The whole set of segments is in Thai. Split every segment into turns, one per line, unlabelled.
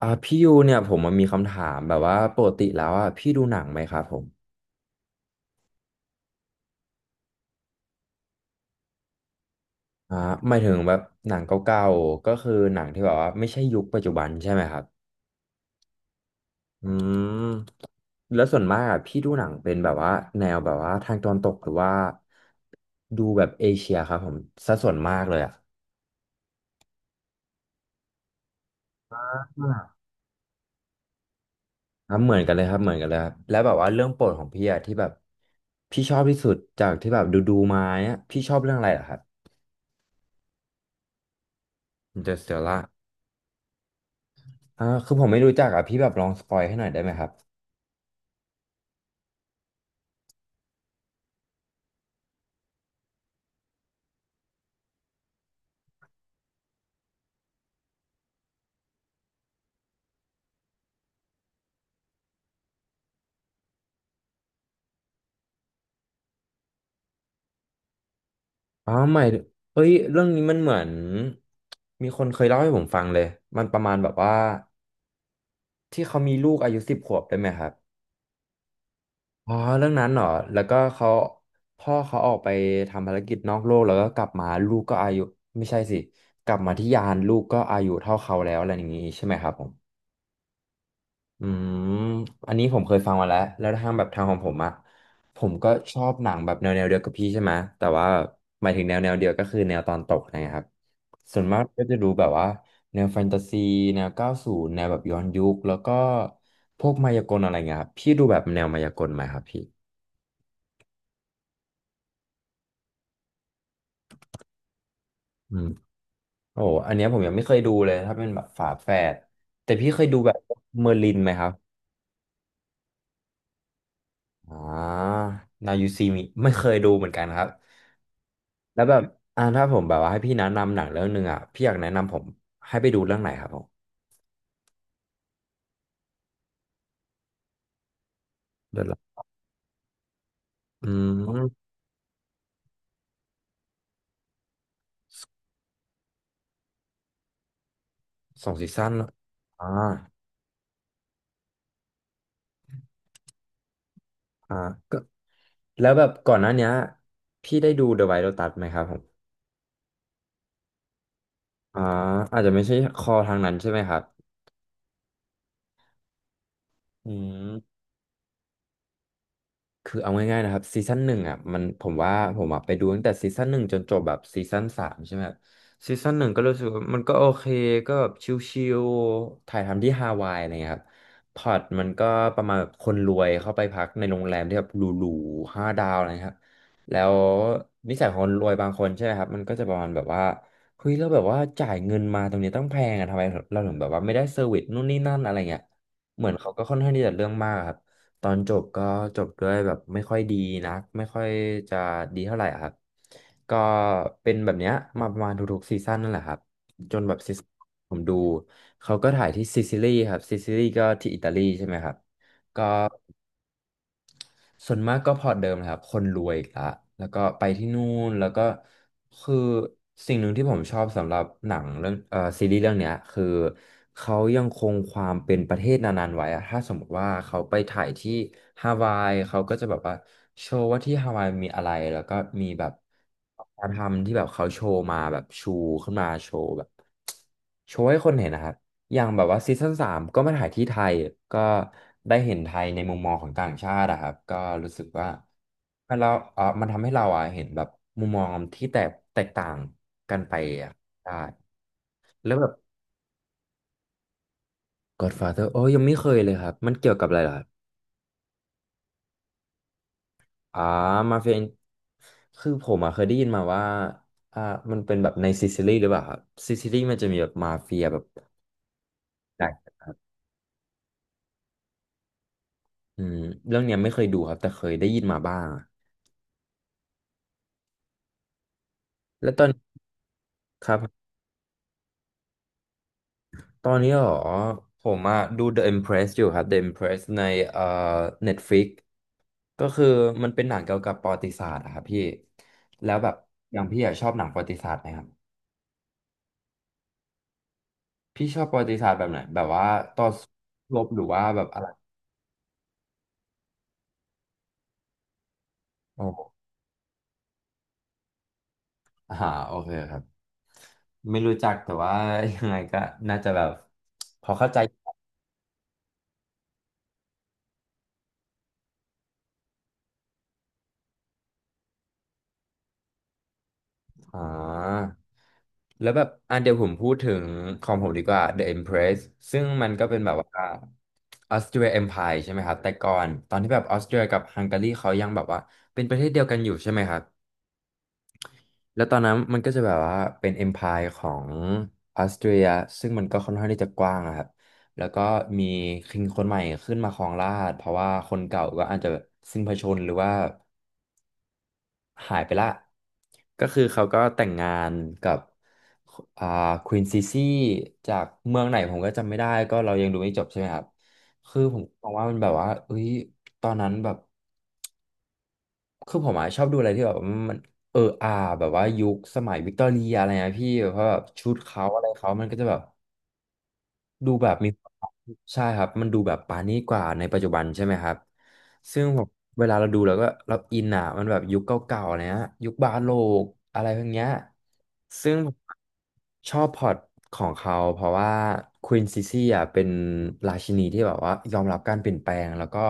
พี่ยูเนี่ยผมมันมีคำถามแบบว่าปกติแล้วอ่ะพี่ดูหนังไหมครับผมอ่าหมายถึงแบบหนังเก่าๆก็คือหนังที่แบบว่าไม่ใช่ยุคปัจจุบันใช่ไหมครับอืมแล้วส่วนมากอ่ะพี่ดูหนังเป็นแบบว่าแนวแบบว่าทางตะวันตกหรือว่าดูแบบเอเชียครับผมสัดส่วนมากเลยอ่ะอ่าครับเหมือนกันเลยครับเหมือนกันเลยครับแล้วแบบว่าเรื่องโปรดของพี่อ่ะที่แบบพี่ชอบที่สุดจากที่แบบดูๆมาเนี่ยพี่ชอบเรื่องอะไรเหรอครับ Interstellar คือผมไม่รู้จักอ่ะพี่แบบลองสปอยให้หน่อยได้ไหมครับอ๋อไม่เอ้ยเรื่องนี้มันเหมือนมีคนเคยเล่าให้ผมฟังเลยมันประมาณแบบว่าที่เขามีลูกอายุสิบขวบได้ไหมครับอ๋อเรื่องนั้นเหรอแล้วก็เขาพ่อเขาออกไปทำภารกิจนอกโลกแล้วก็กลับมาลูกก็อายุไม่ใช่สิกลับมาที่ยานลูกก็อายุเท่าเขาแล้วอะไรอย่างงี้ใช่ไหมครับผม อืมอันนี้ผมเคยฟังมาแล้วแล้วทางแบบทางของผมอะผมก็ชอบหนังแบบแนวเดียวกับพี่ใช่ไหมแต่ว่าหมายถึงแนวเดียวก็คือแนวตอนตกนะครับส่วนมากก็จะดูแบบว่าแนวแฟนตาซีแนวเก้าสูนแนวแบบย้อนยุคแล้วก็พวกมายากลอะไรเงี้ยครับพี่ดูแบบแนวมายากลไหมครับพี่อืมโอ้โหอันเนี้ยผมยังไม่เคยดูเลยถ้าเป็นแบบฝาแฝดแต่พี่เคยดูแบบเมอร์ลินไหมครับอ่า Now You See Me ไม่เคยดูเหมือนกันครับ แล้วแบบถ้าผมแบบว่าให้พี่แนะนำหนังเรื่องหนึ่งอ่ะพี่อยากแนะนำผมให้ไปดูเรื่องไหนครับผมเดือนละอืมสองซีซั่นเหรออ่าอ่าก็แล้วแบบก่อนหน้าเนี้ยพี่ได้ดู The White Lotus ไหมครับผมอ่าอาจจะไม่ใช่คอทางนั้นใช่ไหมครับอืม คือเอาง่ายๆนะครับซีซั่นหนึ่งอ่ะมันผมว่าผมอ่ะไปดูตั้งแต่ซีซั่นหนึ่งจนจบแบบซีซั่นสามใช่ไหมครับซีซั่นหนึ่งก็รู้สึกว่ามันก็โอเคก็แบบชิลๆถ่ายทำที่ฮาวายอะไรเงี้ยครับพล็อตมันก็ประมาณแบบคนรวยเข้าไปพักในโรงแรมที่แบบหรูๆห้าดาวอะไรครับแล้วนิสัยของคนรวยบางคนใช่ไหมครับมันก็จะประมาณแบบว่าเฮ้ยเราแล้วแบบว่าจ่ายเงินมาตรงนี้ต้องแพงอะทำไมเราถึงแบบว่าไม่ได้เซอร์วิสนู่นนี่นั่นอะไรเงี้ย เหมือนเขาก็ค่อนข้างที่จะเรื่องมากอะครับ ตอนจบก็จบด้วยแบบไม่ค่อยดีนักไม่ค่อยจะดีเท่าไหร่อะครับ ก็เป็นแบบเนี้ยมาประมาณทุกๆซีซั่นนั่นแหละครับ จนแบบซีซั่นผมดูเขาก็ถ่ายที่ซิซิลีครับซิซิลีก็ที่อิตาลีใช่ไหมครับ ส่วนมากก็พอร์ตเดิมนะครับคนรวยอีกละแล้วก็ไปที่นู่นแล้วก็คือสิ่งหนึ่งที่ผมชอบสำหรับหนังเรื่องซีรีส์เรื่องเนี้ยคือเขายังคงความเป็นประเทศนานๆไว้อะถ้าสมมติว่าเขาไปถ่ายที่ฮาวายเขาก็จะแบบว่าโชว์ว่าที่ฮาวายมีอะไรแล้วก็มีแบบการทำที่แบบเขาโชว์มาแบบชูขึ้นมาโชว์แบบโชว์ให้คนเห็นนะครับ อย่างแบบว่าซีซั่นสามก็มาถ่ายที่ไทยก็ได้เห็นไทยในมุมมองของต่างชาติอะครับก็รู้สึกว่ามันเราเออมันทำให้เราอะเห็นแบบมุมมองที่แตกต่างกันไปอะได้แล้วแบบ Godfather โอ้ยยังไม่เคยเลยครับมันเกี่ยวกับอะไรเหรอครับอ่ามาเฟียคือผมอะเคยได้ยินมาว่าอ่ามันเป็นแบบในซิซิลีหรือเปล่าครับซิซิลีมันจะมีแบบมาเฟียแบบใหญ่อืมเรื่องเนี้ยไม่เคยดูครับแต่เคยได้ยินมาบ้างแล้วตอนครับ ตอนนี้เหรอผมอะดู The Empress อยู่ครับ The Empress ในเอ่อ Netflix ก็คือมันเป็นหนังเกี่ยวกับประวัติศาสตร์อะครับพี่แล้วแบบอย่างพี่อะชอบหนังประวัติศาสตร์ไหมครับพี่ชอบประวัติศาสตร์แบบไหนแบบว่าต่อสู้รบหรือว่าแบบอะไรโอ้อ่าโอเคครับไม่รู้จักแต่ว่ายังไงก็น่าจะแบบพอเข้าใจ อ่าแล้วแบบอ่ะเดี๋ยวผมพูดถึงของผมดีกว่า The Empress ซึ่งมันก็เป็นแบบว่าออสเตรีย Empire ใช่ไหมครับ แต่ก่อนตอนที่แบบออสเตรียกับฮังการีเขายังแบบว่าเป็นประเทศเดียวกันอยู่ใช่ไหมครับ แล้วตอนนั้นมันก็จะแบบว่าเป็น Empire ของออสเตรียซึ่งมันก็ค่อนข้างที่จะกว้างอะครับ แล้วก็มีคิงคนใหม่ขึ้นมาครองราชย์เพราะว่าคนเก่าก็อาจจะสิ้นพระชนม์หรือว่า หายไปละก็คือเขาก็แต่งงานกับอ่าควีนซีซี่จากเมืองไหนผมก็จำไม่ได้ก็เรายังดูไม่จบใช่ไหมครับคือผมมองว่ามันแบบว่าเอ้ยตอนนั้นแบบคือผมอะชอบดูอะไรที่แบบมันเอออาแบบว่ายุคสมัยวิกตอเรียอะไรนะพี่เพราะแบบชุดเขาอะไรเขามันก็จะแบบ ดูแบบมีใช่ครับ มันดูแบบปานี้กว่าในปัจจุบันใช่ไหมครับ ซึ่งผมเวลาเราดูแล้วก็เราอินอ่ะ มันแบบยุคเก่าๆเนี้ยยุคบาโลกอะไรพวกเนี้ยซึ่งผมชอบพล็อตของเขาเพราะว่าควีนซิซี่อ่ะเป็นราชินีที่แบบว่ายอมรับการเปลี่ยนแปลงแล้วก็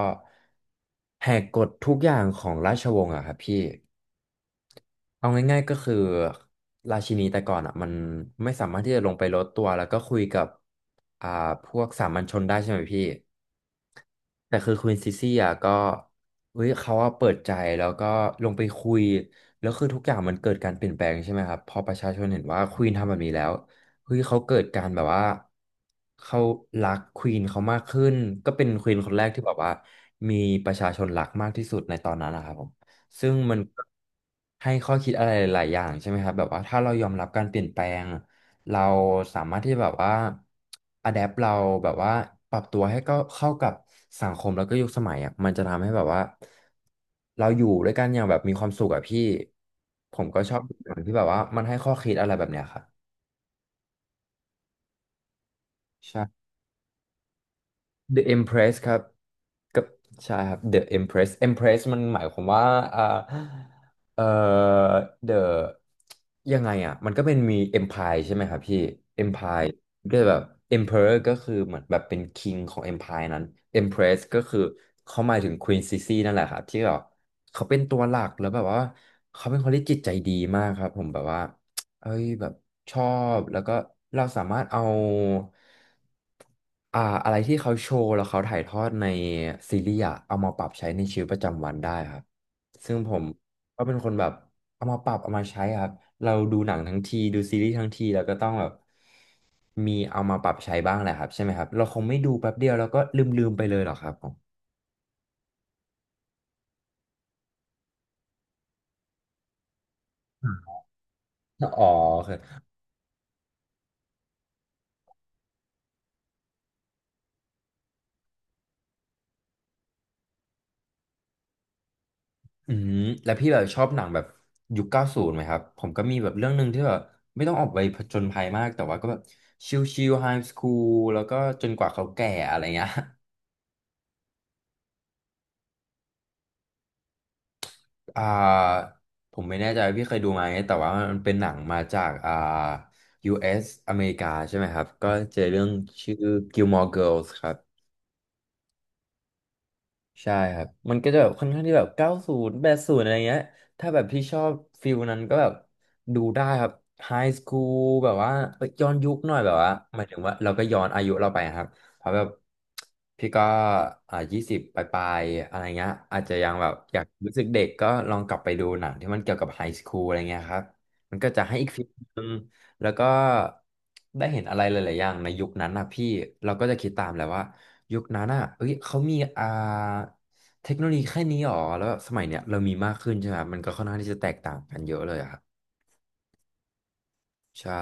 แหกกฎทุกอย่างของราชวงศ์อ่ะครับพี่ เอาง่ายๆก็คือราชินีแต่ก่อนอ่ะมันไม่สามารถที่จะลงไปลดตัวแล้วก็คุยกับอ่าพวกสามัญชนได้ใช่ไหมพี่แต่คือควีนซิซี่อ่ะก็เฮ้ยเขาอ่ะเปิดใจแล้วก็ลงไปคุยแล้วคือทุกอย่างมันเกิดการเปลี่ยนแปลงใช่ไหมครับพอประชาชนเห็นว่าควีนทำแบบนี้แล้วเฮ้ยเขาเกิดการแบบว่าเขารักควีนเขามากขึ้นก็เป็นควีนคนแรกที่แบบว่ามีประชาชนรักมากที่สุดในตอนนั้นนะครับผม ซึ่งมันก็ให้ข้อคิดอะไรหลายๆอย่างใช่ไหมครับแบบว่าถ้าเรายอมรับการเปลี่ยนแปลงเราสามารถที่แบบว่าอะแดปเราแบบว่าปรับตัวให้ก็เข้ากับสังคมแล้วก็ยุคสมัยอ่ะมันจะทำให้แบบว่าเราอยู่ด้วยกันอย่างแบบมีความสุขอะพี่ผมก็ชอบหนังที่แบบว่ามันให้ข้อคิดอะไรแบบเนี้ยครับใช่ The Empress ครับกับใช่ครับ The Empress Empress มันหมายความว่าอ่าเอ่อ The ยังไงอ่ะมันก็เป็นมี Empire ใช่ไหมครับพี่ Empire ก็แบบ Emperor ก็คือเหมือนแบบเป็น King ของ Empire นั้น Empress ก็คือเขาหมายถึง Queen Sisi นั่นแหละครับที่แบบเขาเป็นตัวหลักแล้วแบบว่าเขาเป็นคนที่จิตใจดีมากครับผมแบบว่า เอ้ยแบบชอบแล้วก็เราสามารถเอาอะไรที่เขาโชว์แล้วเขาถ่ายทอดในซีรีส์อะเอามาปรับใช้ในชีวิตประจำวันได้ครับซึ่งผมก็เป็นคนแบบเอามาปรับเอามาใช้ครับเราดูหนังทั้งทีดูซีรีส์ทั้งทีแล้วก็ต้องแบบมีเอามาปรับใช้บ้างแหละครับใช่ไหมครับเราคงไม่ดูแป๊บเดียวแล้วก็ลืมๆไปเลยหรอกครับผมอ๋อโอเค อืมแล้วพี่แบบชอบหนังแบบยุคเก้าศูนย์ไหมครับผมก็มีแบบเรื่องหนึ่งที่แบบไม่ต้องออกไปผจญภัยมากแต่ว่าก็แบบชิลๆไฮสคูลแล้วก็จนกว่าเขาแก่อะไรเงี้ย อ่าผมไม่แน่ใจว่าพี่เคยดูไหมแต่ว่ามันเป็นหนังมาจากUS อสอเมริกาใช่ไหมครับก็เจอเรื่องชื่อ Gilmore Girls ครับ ใช่ครับมันก็จะแบบค่อนข้างที่แบบ90 80อะไรเงี้ยถ้าแบบพี่ชอบฟิลนั้นก็แบบดูได้ครับไฮสคูลแบบว่าเอ้ยย้อนยุคหน่อยแบบว่าหมายถึงว่าเราก็ย้อนอายุเราไปครับเพราะแบบพี่ก็20 ปลายๆอะไรเงี้ยอาจจะยังแบบอยากรู้สึกเด็กก็ลองกลับไปดูหนังที่มันเกี่ยวกับไฮสคูลอะไรเงี้ยครับมันก็จะให้อีกฟิลนึงแล้วก็ได้เห็นอะไรหลายๆอย่างในยุคนั้นนะพี่เราก็จะคิดตามแหละว่า ยุคนั้นอ่ะเอ้ยเขามีเทคโนโลยีแค่นี้หรอแล้วแบบสมัยเนี้ยเรามีมากขึ้นใช่ไหม มันก็ค่อนข้างที่จะแตกต่างกันเยอะเลยอะครับ ใช่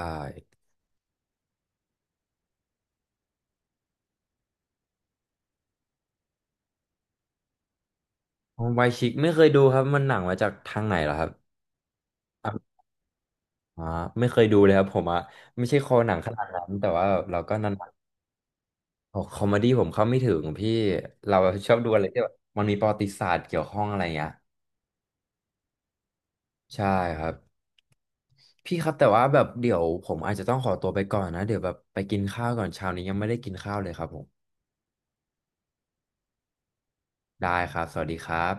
ไวชิกไม่เคยดูครับมันหนังมาจากทางไหนเหรอครับอ่าไม่เคยดูเลยครับผมอ่ะไม่ใช่คอหนังขนาดนั้นแต่ว่าเราก็นานๆโอ้คอมเมดี้ผมเข้าไม่ถึงพี่ เราชอบดูอะไรที่แบบมันมีประวัติศาสตร์เกี่ยวข้องอะไรเงี้ยใช่ครับ พี่ครับแต่ว่าแบบเดี๋ยวผมอาจจะต้องขอตัวไปก่อนนะเดี๋ยวแบบไปกินข้าวก่อนเช้านี้ยังไม่ได้กินข้าวเลยครับผม ได้ครับ สวัสดีครับ